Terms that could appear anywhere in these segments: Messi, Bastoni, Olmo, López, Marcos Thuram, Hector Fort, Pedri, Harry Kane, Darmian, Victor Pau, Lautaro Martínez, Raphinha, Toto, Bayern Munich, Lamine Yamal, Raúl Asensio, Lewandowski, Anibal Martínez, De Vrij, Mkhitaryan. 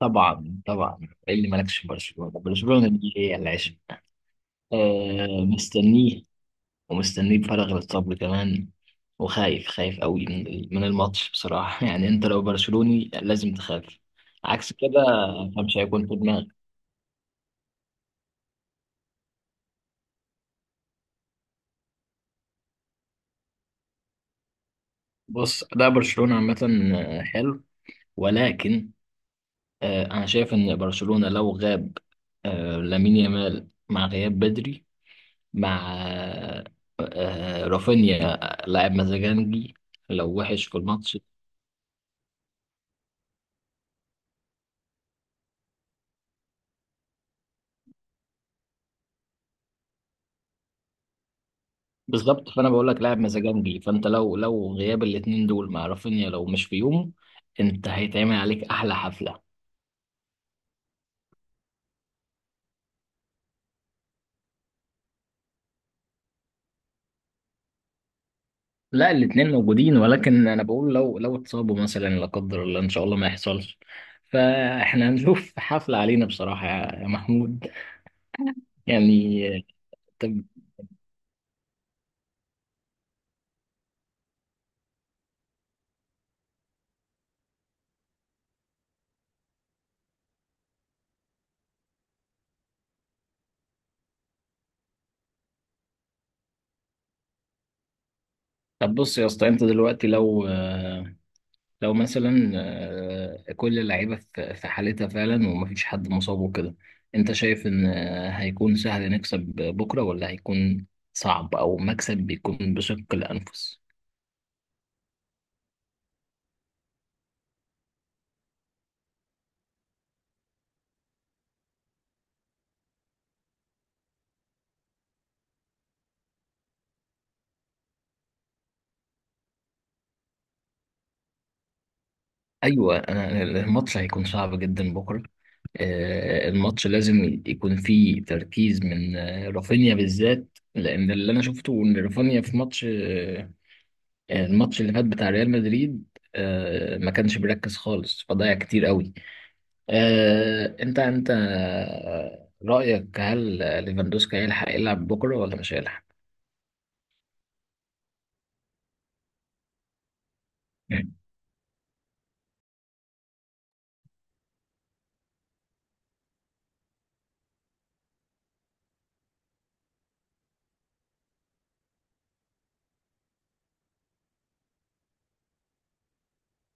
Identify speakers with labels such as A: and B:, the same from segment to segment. A: طبعا إيه اللي مالكش في برشلونة دي هي العشق. آه، مستنيه ومستنيه بفارغ الصبر كمان. وخايف قوي من الماتش بصراحة يعني انت لو برشلوني لازم تخاف عكس كده، فمش هيكون في دماغك. بص، ده برشلونة عامة، آه، حلو، ولكن آه، انا شايف ان برشلونة لو غاب آه لامين يامال مع غياب بدري، مع آه، رافينيا، لاعب مزاجنجي، لو وحش في الماتش بالظبط. فانا بقول لك لاعب مزاجنجي، فانت لو غياب الاثنين دول مع رافينيا لو مش في يومه، انت هيتعمل عليك احلى حفله. لا، الاثنين موجودين، ولكن انا بقول لو اتصابوا مثلا، لا قدر الله، ان شاء الله ما يحصلش، فاحنا هنشوف حفله علينا بصراحه يا محمود، يعني. طب طب بص يا اسطى، انت دلوقتي لو لو مثلا كل اللعيبة في حالتها فعلا ومفيش حد مصاب وكده، انت شايف ان هيكون سهل نكسب بكرة، ولا هيكون صعب او مكسب بيكون بشق الانفس؟ ايوه، أنا الماتش هيكون صعب جدا بكرة. الماتش لازم يكون فيه تركيز من رافينيا بالذات، لان اللي انا شفته ان رافينيا في ماتش الماتش اللي فات بتاع ريال مدريد ما كانش بيركز خالص، فضيع كتير قوي. انت رأيك، هل ليفاندوسكي هيلحق يلعب بكرة ولا مش هيلحق؟ مم.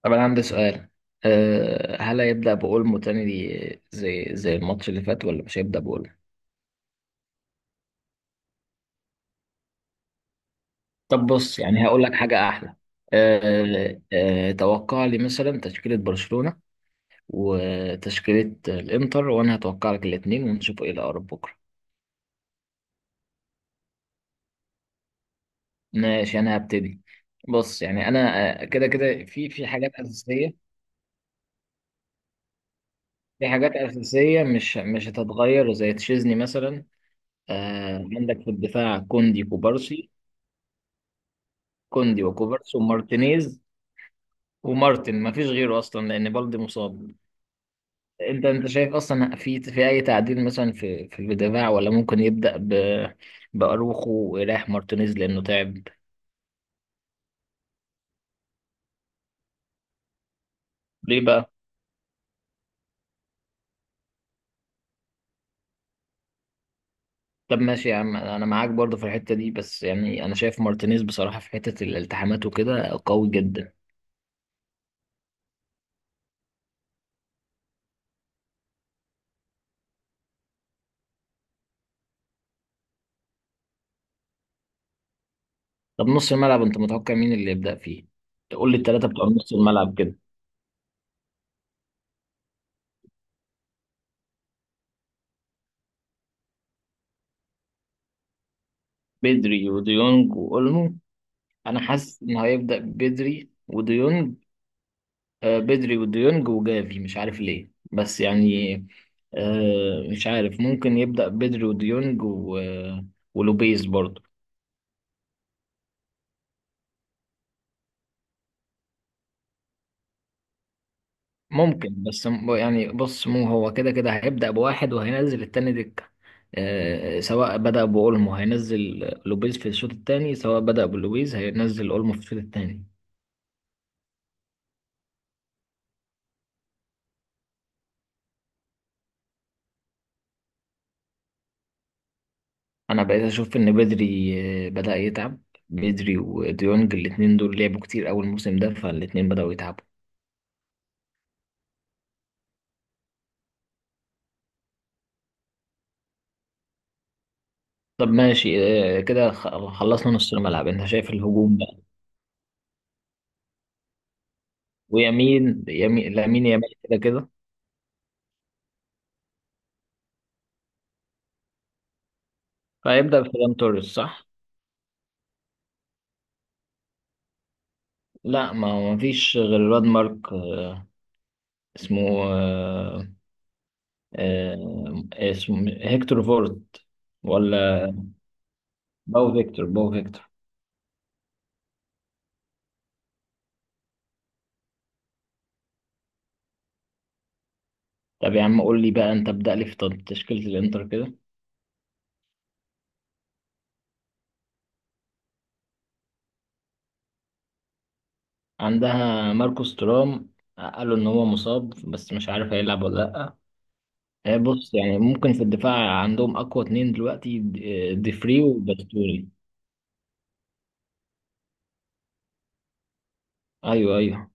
A: طب انا عندي سؤال، هل هيبدأ بأولمو تاني دي زي الماتش اللي فات، ولا مش هيبدأ بأولمو؟ طب بص يعني هقول لك حاجة أحلى، توقع لي مثلا تشكيلة برشلونة وتشكيلة الإنتر، وأنا هتوقع لك الاتنين ونشوف إيه الأقرب بكرة. ماشي، أنا هبتدي. بص يعني أنا كده كده في حاجات أساسية، في حاجات أساسية مش هتتغير زي تشيزني مثلا. آه، عندك في الدفاع كوندي، كوبارسي. كوندي وكوبارسي ومارتينيز، ومارتن ما فيش غيره أصلا لأن بالدي مصاب. أنت شايف أصلا في في أي تعديل مثلا في الدفاع، ولا ممكن يبدأ ب بأروخو ويريح مارتينيز لأنه تعب؟ ليه بقى؟ طب ماشي يا عم، أنا معاك برضه في الحتة دي، بس يعني أنا شايف مارتينيز بصراحة في حتة الالتحامات وكده قوي جدا. طب نص الملعب انت متوقع مين اللي يبدأ فيه؟ تقول لي الثلاثة بتوع نص الملعب كده. بدري وديونج وأولمو. أنا حاسس إن هيبدأ بدري وديونج. آه، بدري وديونج وجافي، مش عارف ليه بس يعني، آه مش عارف، ممكن يبدأ بدري وديونج و... ولوبيز برضه. ممكن بس يعني بص، مو هو كده كده هيبدأ بواحد وهينزل التاني دكة. سواء بدأ بأولمو هينزل لوبيز في الشوط الثاني، سواء بدأ بلوبيز هينزل أولمو في الشوط الثاني. انا بقيت اشوف ان بدري بدأ يتعب. بدري وديونج الاتنين دول لعبوا كتير اول موسم ده، فالاتنين بدأوا يتعبوا. طب ماشي، كده خلصنا نص الملعب. انت شايف الهجوم بقى؟ ويمين لامين يامال كده كده. فهيبدأ بفيران توريس، صح. لا، ما فيش غير الواد مارك اسمه، آه، اسمه هيكتور فورت، ولا باو فيكتور؟ باو فيكتور. طب يا عم، قول لي بقى انت، ابدأ لي في تشكيلة الانتر كده. عندها ماركوس تورام، قالوا ان هو مصاب بس مش عارف هيلعب ولا لا. بص يعني ممكن في الدفاع عندهم اقوى اتنين دلوقتي، ديفري وباستوني. ايوه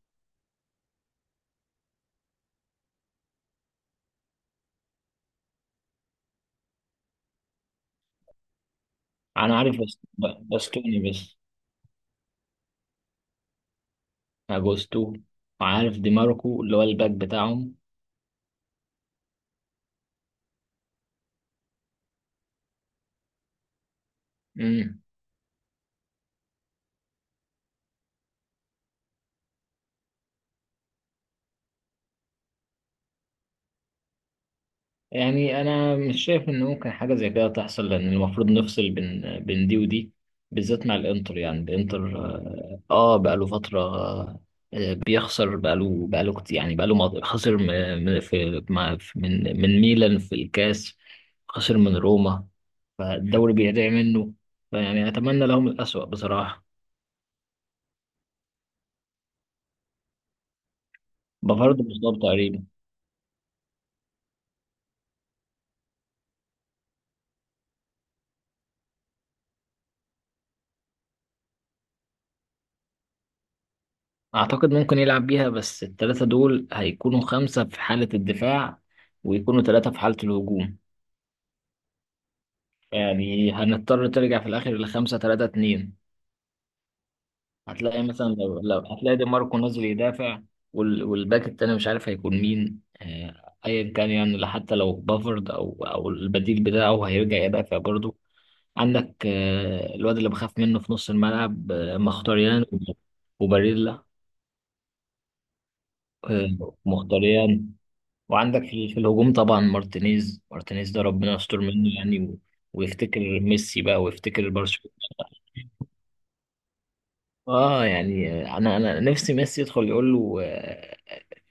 A: انا عارف باستوني بس، اجوستو، وعارف دي ماركو اللي هو الباك بتاعهم. مم. يعني انا مش شايف ان ممكن حاجه زي كده تحصل، لان المفروض نفصل بين دي ودي، بالذات مع الانتر. يعني الانتر اه، آه، بقاله فتره آه بيخسر، بقاله كتير، يعني خسر من ميلان في الكاس، خسر من روما، فالدوري بيضيع منه. فيعني اتمنى لهم الأسوأ بصراحه. بفرض مصاب تقريبا. اعتقد ممكن يلعب بيها، بس الثلاثه دول هيكونوا خمسه في حاله الدفاع، ويكونوا ثلاثه في حاله الهجوم. يعني هنضطر ترجع في الاخر لخمسة تلاتة اتنين. هتلاقي مثلا لو, هتلاقي دي ماركو نازل يدافع، وال... والباك التاني مش عارف هيكون مين، ايا كان يعني، لا حتى لو بافارد او البديل بتاعه هيرجع يدافع برضه. عندك الواد اللي بخاف منه في نص الملعب، مختاريان وباريلا، آه، مختاريان وعندك في, في الهجوم طبعا مارتينيز. ده ربنا يستر منه يعني، و... ويفتكر ميسي بقى، ويفتكر برشلونة. اه يعني انا نفسي ميسي يدخل يقول له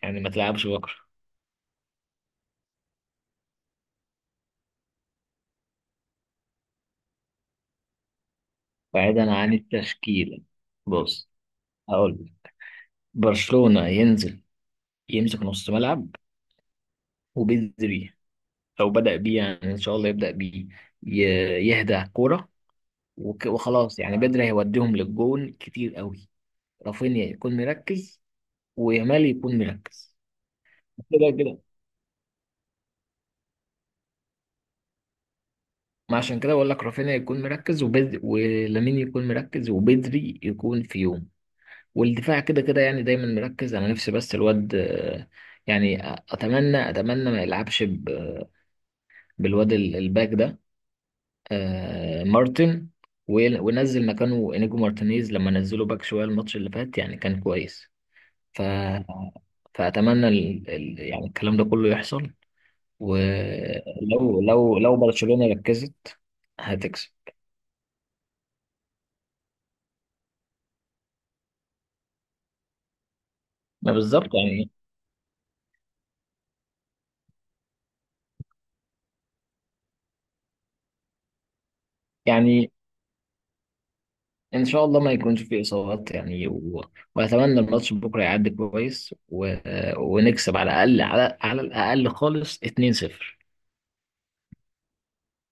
A: يعني ما تلعبش بكره. بعيدا عن التشكيله. بص هقول لك. برشلونه ينزل يمسك نص ملعب، وبدري لو بدأ بيه، يعني ان شاء الله يبدأ بيه، يهدى كوره، وخلاص، يعني بدري هيوديهم للجون كتير قوي. رافينيا يكون مركز، ويامال يكون مركز، كده كده. ما عشان كده بقول لك رافينيا يكون مركز، وبدري ولامين يكون مركز، وبدري يكون في يوم. والدفاع كده كده يعني دايما مركز. انا نفسي بس الواد يعني اتمنى ما يلعبش بالواد الباك ده، مارتن، وينزل مكانه انيجو مارتينيز، لما نزله باك شويه الماتش اللي فات يعني كان كويس. ف فاتمنى ال... ال... يعني الكلام ده كله يحصل. ولو لو برشلونه ركزت هتكسب. ما بالظبط يعني. يعني ان شاء الله ما يكونش فيه اصابات يعني، و... واتمنى الماتش بكره يعدي كويس، و... ونكسب على الاقل، على الاقل خالص، 2-0.